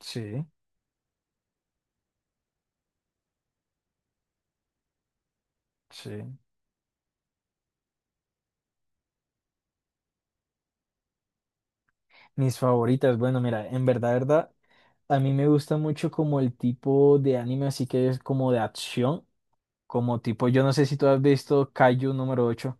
Sí, sí. Mis favoritas, bueno, mira, en verdad, verdad, a mí me gusta mucho como el tipo de anime, así que es como de acción, como tipo, yo no sé si tú has visto Kaiju número 8.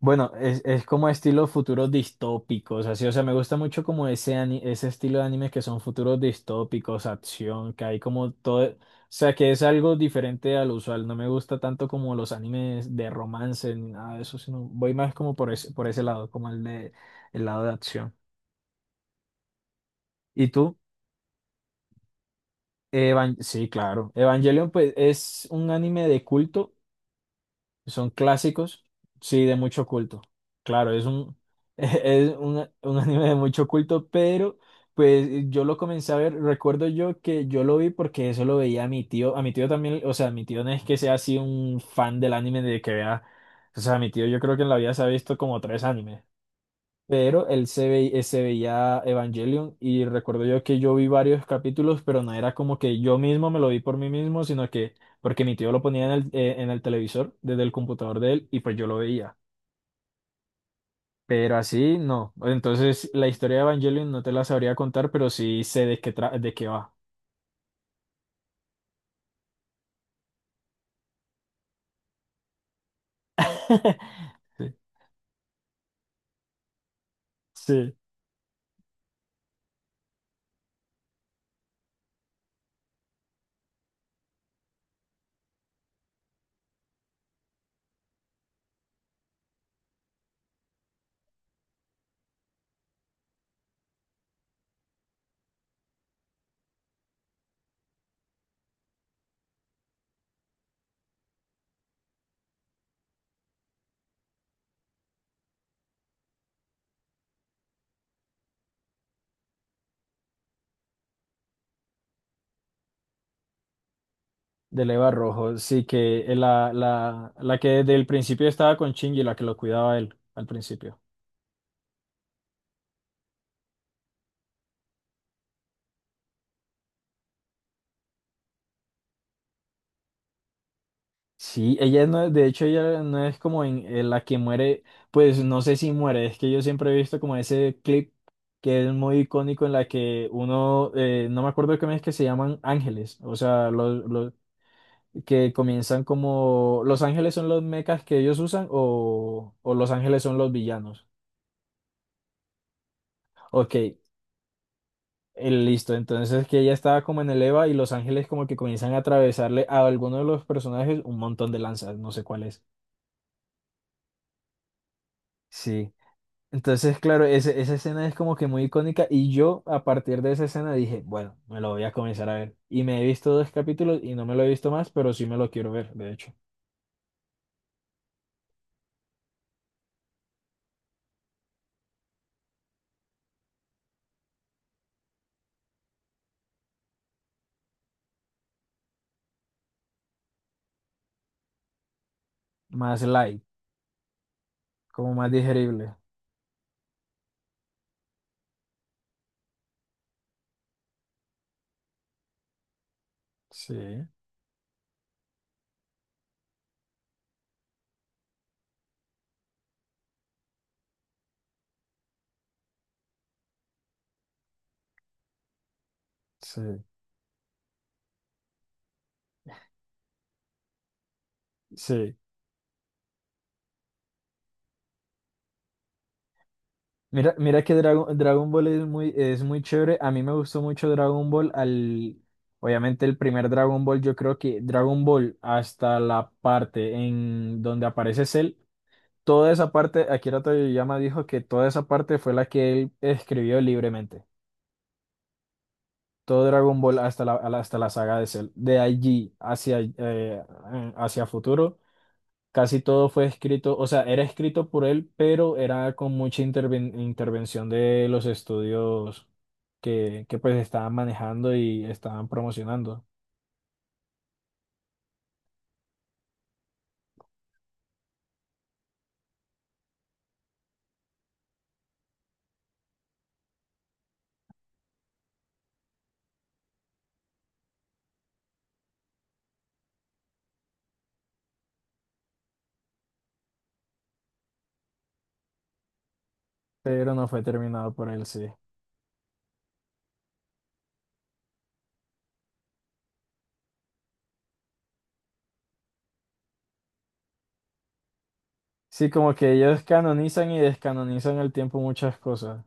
Bueno, es como estilo futuros distópicos, así, o sea, me gusta mucho como ese, ese estilo de anime que son futuros distópicos, acción, que hay como todo, o sea, que es algo diferente al usual, no me gusta tanto como los animes de romance ni nada de eso, sino voy más como por ese lado, como el de, el lado de acción. ¿Y tú? Sí, claro. Evangelion, pues, es un anime de culto. Son clásicos. Sí, de mucho culto. Claro, es un, es un anime de mucho culto, pero pues yo lo comencé a ver. Recuerdo yo que yo lo vi porque eso lo veía a mi tío. A mi tío también, o sea, mi tío no es que sea así un fan del anime de que vea. O sea, mi tío yo creo que en la vida se ha visto como tres animes. Pero él se ve, se veía Evangelion y recuerdo yo que yo vi varios capítulos, pero no era como que yo mismo me lo vi por mí mismo, sino que porque mi tío lo ponía en el televisor desde el computador de él y pues yo lo veía. Pero así no. Entonces la historia de Evangelion no te la sabría contar, pero sí sé de qué, de qué va. Sí, sí, del Eva Rojo. Sí, que la que desde el principio estaba con Shinji, la que lo cuidaba él al principio. Sí, ella no, de hecho ella no es como en la que muere, pues no sé si muere, es que yo siempre he visto como ese clip que es muy icónico en la que uno, no me acuerdo cómo es que se llaman ángeles, o sea, los que comienzan como, los ángeles son los mechas que ellos usan o los ángeles son los villanos. Ok, listo, entonces que ella estaba como en el Eva y los ángeles como que comienzan a atravesarle a alguno de los personajes un montón de lanzas, no sé cuál es. Sí. Entonces, claro, esa escena es como que muy icónica y yo a partir de esa escena dije, bueno, me lo voy a comenzar a ver. Y me he visto dos capítulos y no me lo he visto más, pero sí me lo quiero ver, de hecho. Más light, como más digerible. Sí, sí, sí. Mira, mira que Dragon Ball es muy chévere. A mí me gustó mucho Dragon Ball al... Obviamente el primer Dragon Ball, yo creo que Dragon Ball hasta la parte en donde aparece Cell. Toda esa parte, Akira Toriyama dijo que toda esa parte fue la que él escribió libremente. Todo Dragon Ball hasta la, hasta la saga de Cell. De allí hacia, hacia futuro, casi todo fue escrito, o sea, era escrito por él, pero era con mucha intervención de los estudios que pues estaban manejando y estaban promocionando. Pero no fue terminado por él, sí. Sí, como que ellos canonizan y descanonizan al tiempo muchas cosas.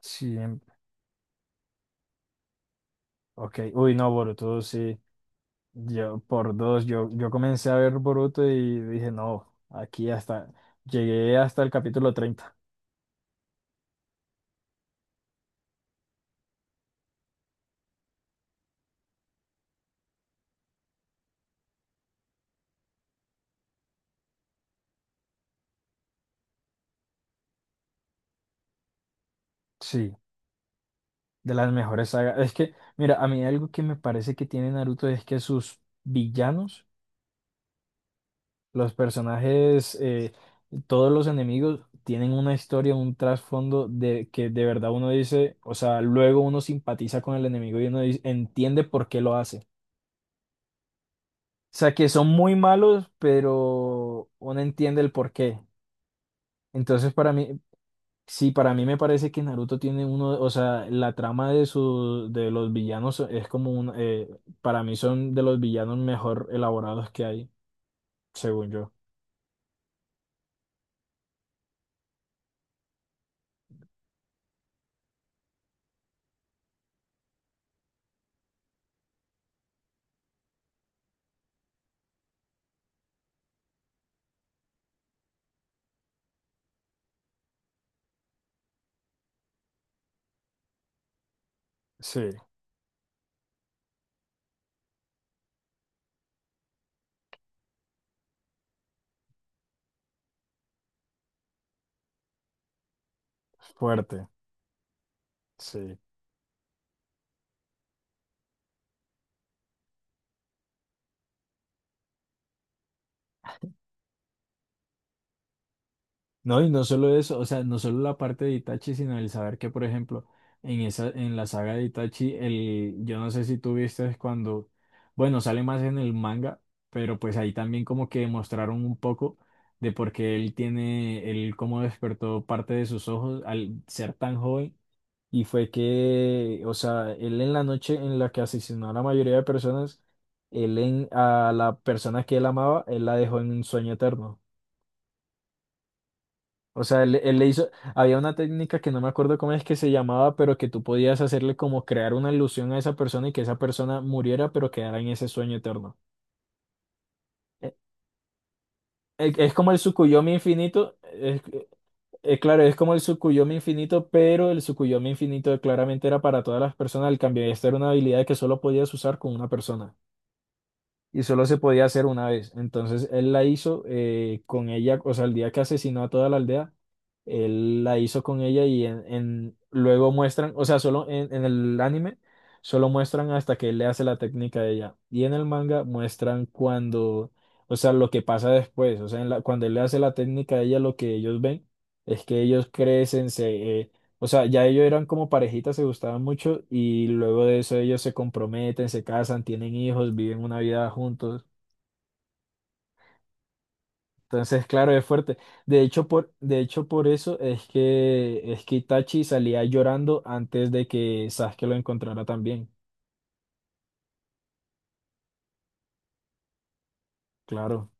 Sí, ok, uy, no, Boruto, sí, yo por dos, yo comencé a ver Boruto y dije, no, aquí hasta, llegué hasta el capítulo 30. Sí, de las mejores sagas, es que, mira, a mí algo que me parece que tiene Naruto es que sus villanos, los personajes, todos los enemigos tienen una historia, un trasfondo de que de verdad uno dice, o sea, luego uno simpatiza con el enemigo y uno entiende por qué lo hace. Sea, que son muy malos, pero uno entiende el porqué. Entonces, para mí, sí, para mí me parece que Naruto tiene uno, o sea, la trama de su, de los villanos es como un, para mí son de los villanos mejor elaborados que hay, según yo. Sí, fuerte, sí. No, y no solo eso, o sea, no solo la parte de Itachi, sino el saber que, por ejemplo, en esa, en la saga de Itachi, el, yo no sé si tú viste cuando, bueno, sale más en el manga, pero pues ahí también como que mostraron un poco de por qué él tiene, él cómo despertó parte de sus ojos al ser tan joven, y fue que, o sea, él en la noche en la que asesinó a la mayoría de personas, él en, a la persona que él amaba, él la dejó en un sueño eterno. O sea, él le hizo, había una técnica que no me acuerdo cómo es que se llamaba, pero que tú podías hacerle como crear una ilusión a esa persona y que esa persona muriera, pero quedara en ese sueño eterno. Eh, Es, como el Tsukuyomi infinito, es, claro, es como el Tsukuyomi infinito, pero el Tsukuyomi infinito claramente era para todas las personas, el cambio, esta era una habilidad que solo podías usar con una persona. Y solo se podía hacer una vez. Entonces él la hizo con ella, o sea, el día que asesinó a toda la aldea, él la hizo con ella y en, luego muestran, o sea, solo en el anime, solo muestran hasta que él le hace la técnica de ella. Y en el manga muestran cuando, o sea, lo que pasa después, o sea, en cuando él le hace la técnica a ella, lo que ellos ven es que ellos crecen, se, o sea, ya ellos eran como parejitas, se gustaban mucho y luego de eso ellos se comprometen, se casan, tienen hijos, viven una vida juntos. Entonces, claro, es fuerte. De hecho, por eso es que Itachi salía llorando antes de que Sasuke lo encontrara también. Claro.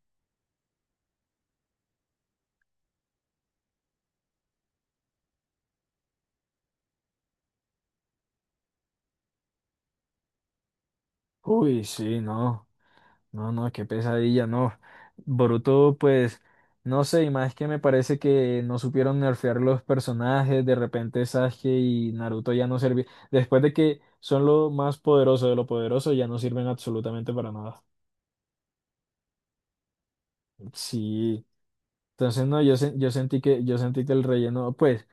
Uy, sí, no. No, no, qué pesadilla, no. Boruto, pues, no sé, y más que me parece que no supieron nerfear los personajes, de repente Sasuke y Naruto ya no servían. Después de que son lo más poderoso de lo poderoso, ya no sirven absolutamente para nada. Sí. Entonces, no, yo, yo sentí que el relleno, pues,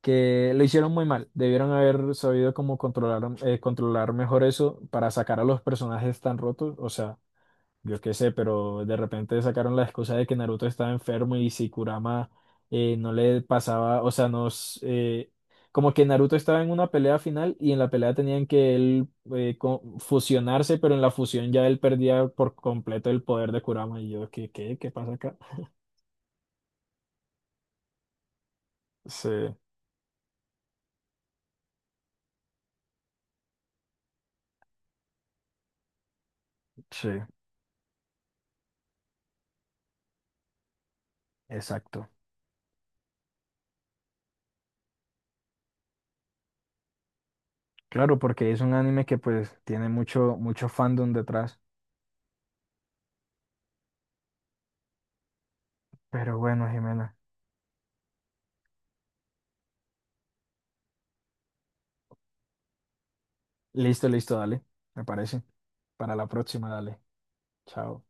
que lo hicieron muy mal. Debieron haber sabido cómo controlar, controlar mejor eso para sacar a los personajes tan rotos. O sea. Yo qué sé, pero de repente sacaron la excusa de que Naruto estaba enfermo y si Kurama no le pasaba, o sea, nos... como que Naruto estaba en una pelea final y en la pelea tenían que él fusionarse, pero en la fusión ya él perdía por completo el poder de Kurama. Y yo, ¿qué, qué, qué pasa acá? Sí, sí, exacto. Claro, porque es un anime que pues tiene mucho, mucho fandom detrás. Pero bueno, Jimena. Listo, listo, dale. Me parece. Para la próxima, dale. Chao.